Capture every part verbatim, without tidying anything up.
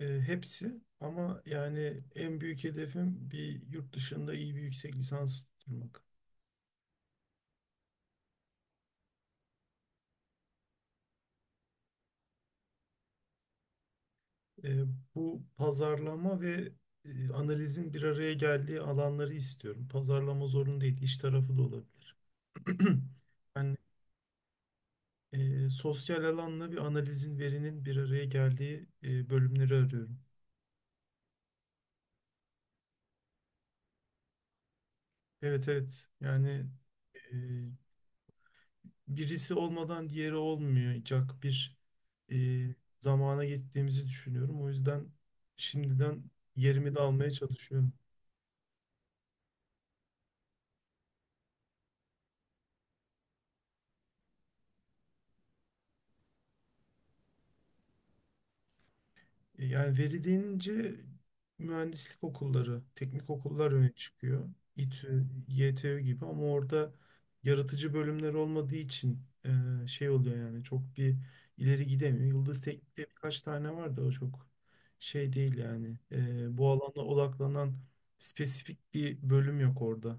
E, hepsi ama yani en büyük hedefim bir yurt dışında iyi bir yüksek lisans tutturmak. E, Bu pazarlama ve e, analizin bir araya geldiği alanları istiyorum. Pazarlama zorunlu değil, iş tarafı da olabilir. Ben e, sosyal alanla bir analizin, verinin bir araya geldiği e, bölümleri arıyorum. Evet, evet, yani e, birisi olmadan diğeri olmayacak bir e, zamana gittiğimizi düşünüyorum. O yüzden şimdiden yerimi de almaya çalışıyorum. E, Yani veri deyince mühendislik okulları, teknik okullar öne çıkıyor. İ T Ü, Y T Ü gibi ama orada yaratıcı bölümler olmadığı için e, şey oluyor yani çok bir ileri gidemiyor. Yıldız Teknik'te birkaç tane var da o çok şey değil yani. E, bu alana odaklanan spesifik bir bölüm yok orada.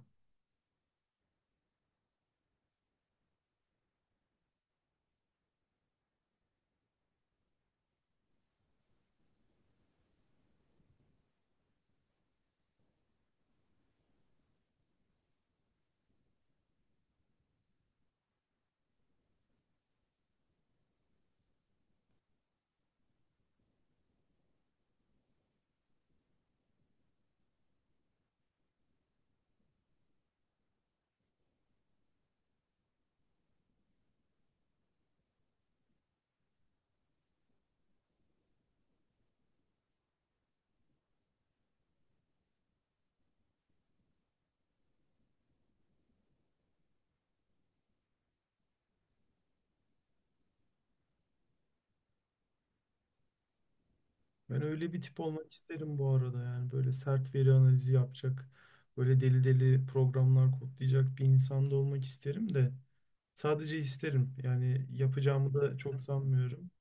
Ben öyle bir tip olmak isterim bu arada, yani böyle sert veri analizi yapacak, böyle deli deli programlar kodlayacak bir insan da olmak isterim de sadece isterim yani, yapacağımı da çok sanmıyorum.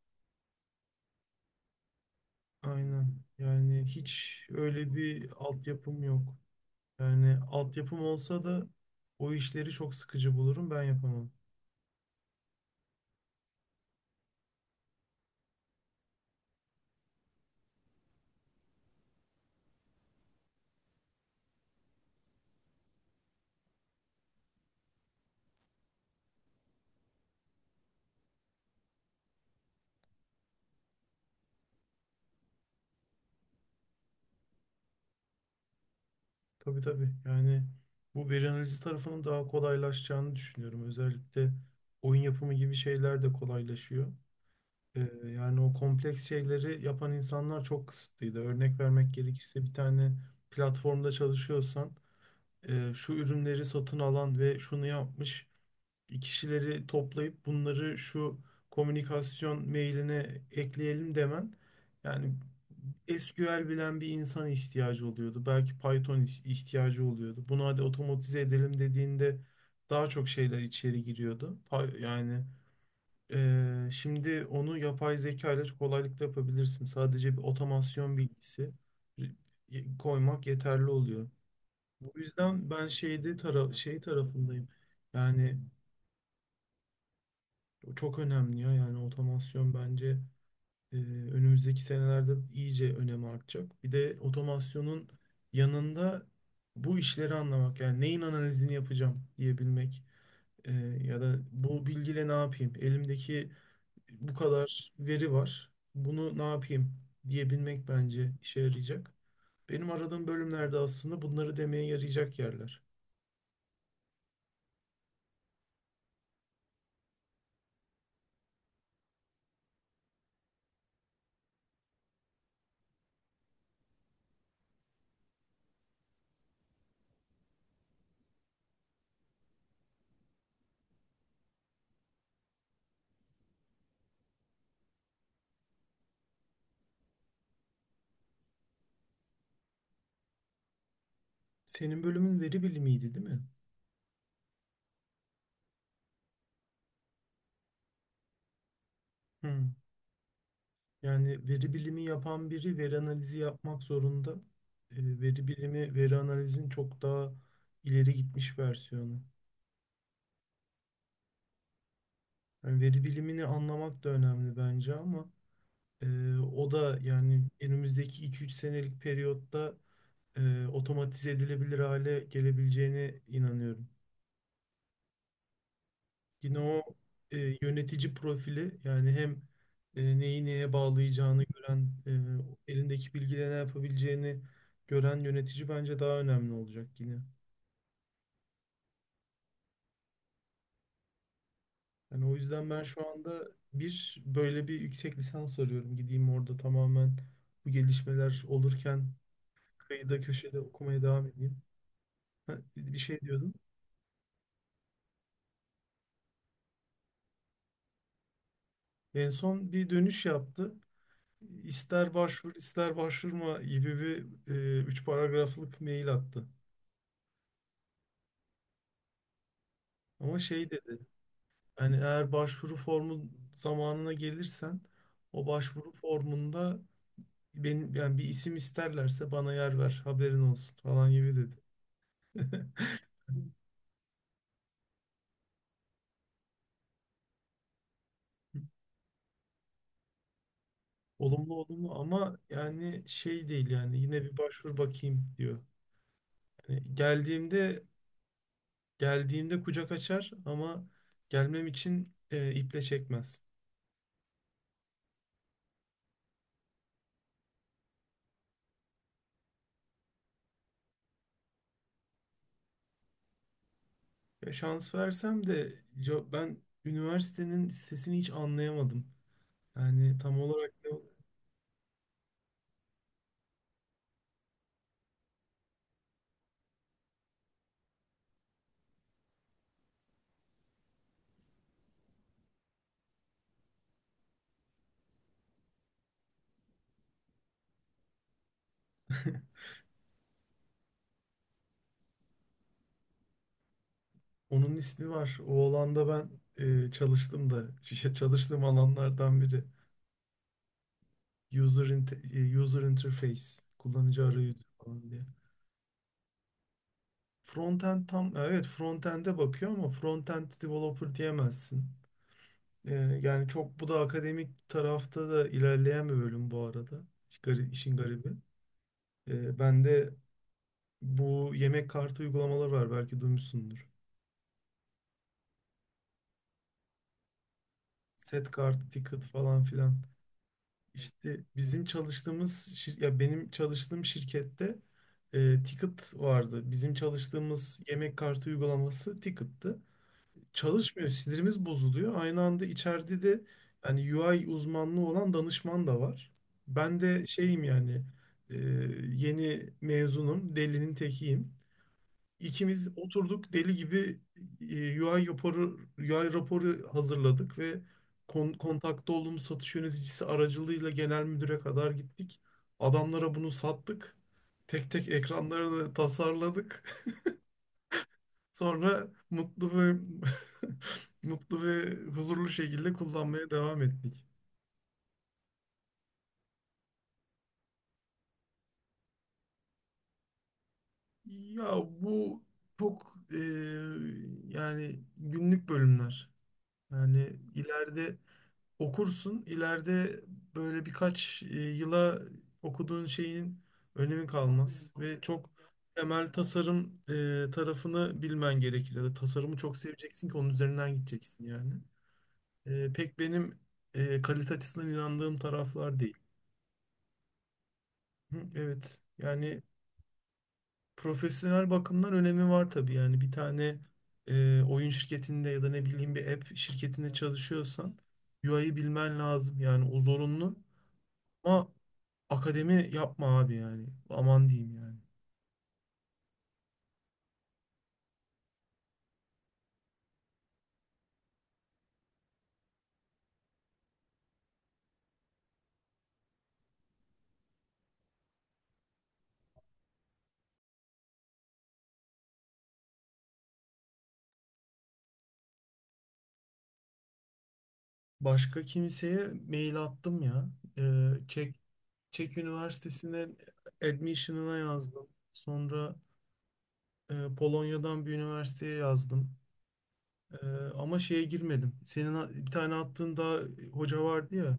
Aynen, yani hiç öyle bir altyapım yok. Yani altyapım olsa da o işleri çok sıkıcı bulurum, ben yapamam. Tabii, tabii, yani bu veri analizi tarafının daha kolaylaşacağını düşünüyorum. Özellikle oyun yapımı gibi şeyler de kolaylaşıyor. Ee, yani o kompleks şeyleri yapan insanlar çok kısıtlıydı. Örnek vermek gerekirse bir tane platformda çalışıyorsan e, şu ürünleri satın alan ve şunu yapmış kişileri toplayıp bunları şu komünikasyon mailine ekleyelim demen, yani S Q L bilen bir insan ihtiyacı oluyordu. Belki Python is- ihtiyacı oluyordu. Bunu hadi otomatize edelim dediğinde daha çok şeyler içeri giriyordu. Pa- Yani ee, şimdi onu yapay zeka ile çok kolaylıkla yapabilirsin. Sadece bir otomasyon bilgisi e, koymak yeterli oluyor. Bu yüzden ben şeyde tara şey tarafındayım. Yani o çok önemli ya. Yani otomasyon bence e, önümüzdeki senelerde iyice önemi artacak. Bir de otomasyonun yanında bu işleri anlamak, yani neyin analizini yapacağım diyebilmek, e, ya da bu bilgiyle ne yapayım? Elimdeki bu kadar veri var. Bunu ne yapayım diyebilmek bence işe yarayacak. Benim aradığım bölümlerde aslında bunları demeye yarayacak yerler. Senin bölümün veri bilimiydi, değil mi? Hı. Yani veri bilimi yapan biri veri analizi yapmak zorunda. E, Veri bilimi, veri analizin çok daha ileri gitmiş versiyonu. Yani veri bilimini anlamak da önemli bence, ama e, o da yani önümüzdeki iki üç senelik periyotta e, otomatize edilebilir hale gelebileceğine inanıyorum. Yine o e, yönetici profili, yani hem e, neyi neye bağlayacağını gören, e, elindeki bilgiyle ne yapabileceğini gören yönetici bence daha önemli olacak yine. Yani o yüzden ben şu anda bir böyle bir yüksek lisans arıyorum. Gideyim orada tamamen bu gelişmeler olurken kıyıda köşede okumaya devam edeyim. Ha, bir şey diyordum. En son bir dönüş yaptı. İster başvur ister başvurma gibi bir e, üç paragraflık mail attı. Ama şey dedi, hani eğer başvuru formu zamanına gelirsen o başvuru formunda benim, yani bir isim isterlerse bana yer ver, haberin olsun falan gibi dedi. Olumlu, olumlu ama yani şey değil yani, yine bir başvur bakayım diyor. Yani geldiğimde geldiğimde kucak açar ama gelmem için e, iple çekmez. Ya şans versem de ya ben üniversitenin sitesini hiç anlayamadım. Yani tam olarak ne- Onun ismi var. O alanda ben e, çalıştım da çalıştığım alanlardan biri. User, inte- e, user interface, kullanıcı arayüzü falan diye. Frontend, tam evet, frontend'e bakıyor ama frontend developer diyemezsin. E, Yani çok bu da akademik tarafta da ilerleyen bir bölüm bu arada. İş gari- İşin garibi. E, ben de. Bu yemek kartı uygulamaları var, belki duymuşsundur. Set kart, ticket falan filan. İşte bizim çalıştığımız şir- ya benim çalıştığım şirkette e, ticket vardı. Bizim çalıştığımız yemek kartı uygulaması ticket'tı. Çalışmıyor, sinirimiz bozuluyor. Aynı anda içeride de yani U I uzmanlığı olan danışman da var. Ben de şeyim yani, e, yeni mezunum, delinin tekiyim. İkimiz oturduk deli gibi e, U I raporu, U I raporu hazırladık ve kon, kontakta olduğumuz satış yöneticisi aracılığıyla genel müdüre kadar gittik. Adamlara bunu sattık. Tek tek ekranlarını tasarladık. Sonra mutlu ve mutlu ve huzurlu şekilde kullanmaya devam ettik. Ya bu çok e, yani günlük bölümler. Yani ileride okursun. İleride böyle birkaç e, yıla okuduğun şeyin önemi kalmaz ve çok temel tasarım e, tarafını bilmen gerekir. Ya da tasarımı çok seveceksin ki onun üzerinden gideceksin yani. E, pek benim e, kalite açısından inandığım taraflar değil. Hı, evet. Yani profesyonel bakımdan önemi var tabii. Yani bir tane e, oyun şirketinde ya da ne bileyim bir app şirketinde çalışıyorsan U I'yi bilmen lazım. Yani o zorunlu. Ama akademi yapma abi yani. Aman diyeyim yani. Başka kimseye mail attım ya. Ee, Çek, Çek Üniversitesi'ne admission'ına yazdım. Sonra e, Polonya'dan bir üniversiteye yazdım. Ee, Ama şeye girmedim. Senin a- bir tane attığın daha hoca vardı ya.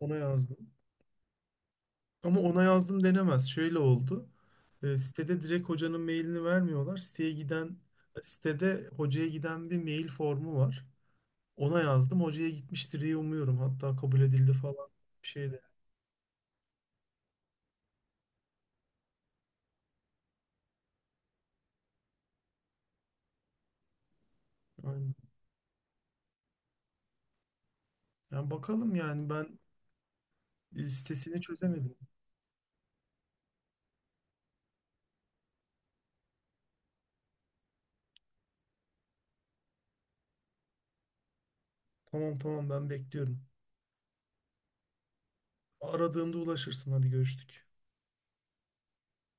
Ona yazdım. Ama ona yazdım denemez. Şöyle oldu. Ee, sitede direkt hocanın mailini vermiyorlar. Siteye giden, sitede hocaya giden bir mail formu var. Ona yazdım. Hocaya gitmiştir diye umuyorum. Hatta kabul edildi falan bir şey de. Aynen. Yani bakalım yani, ben e, sitesini çözemedim. Tamam, tamam, ben bekliyorum. Aradığımda ulaşırsın. Hadi görüştük.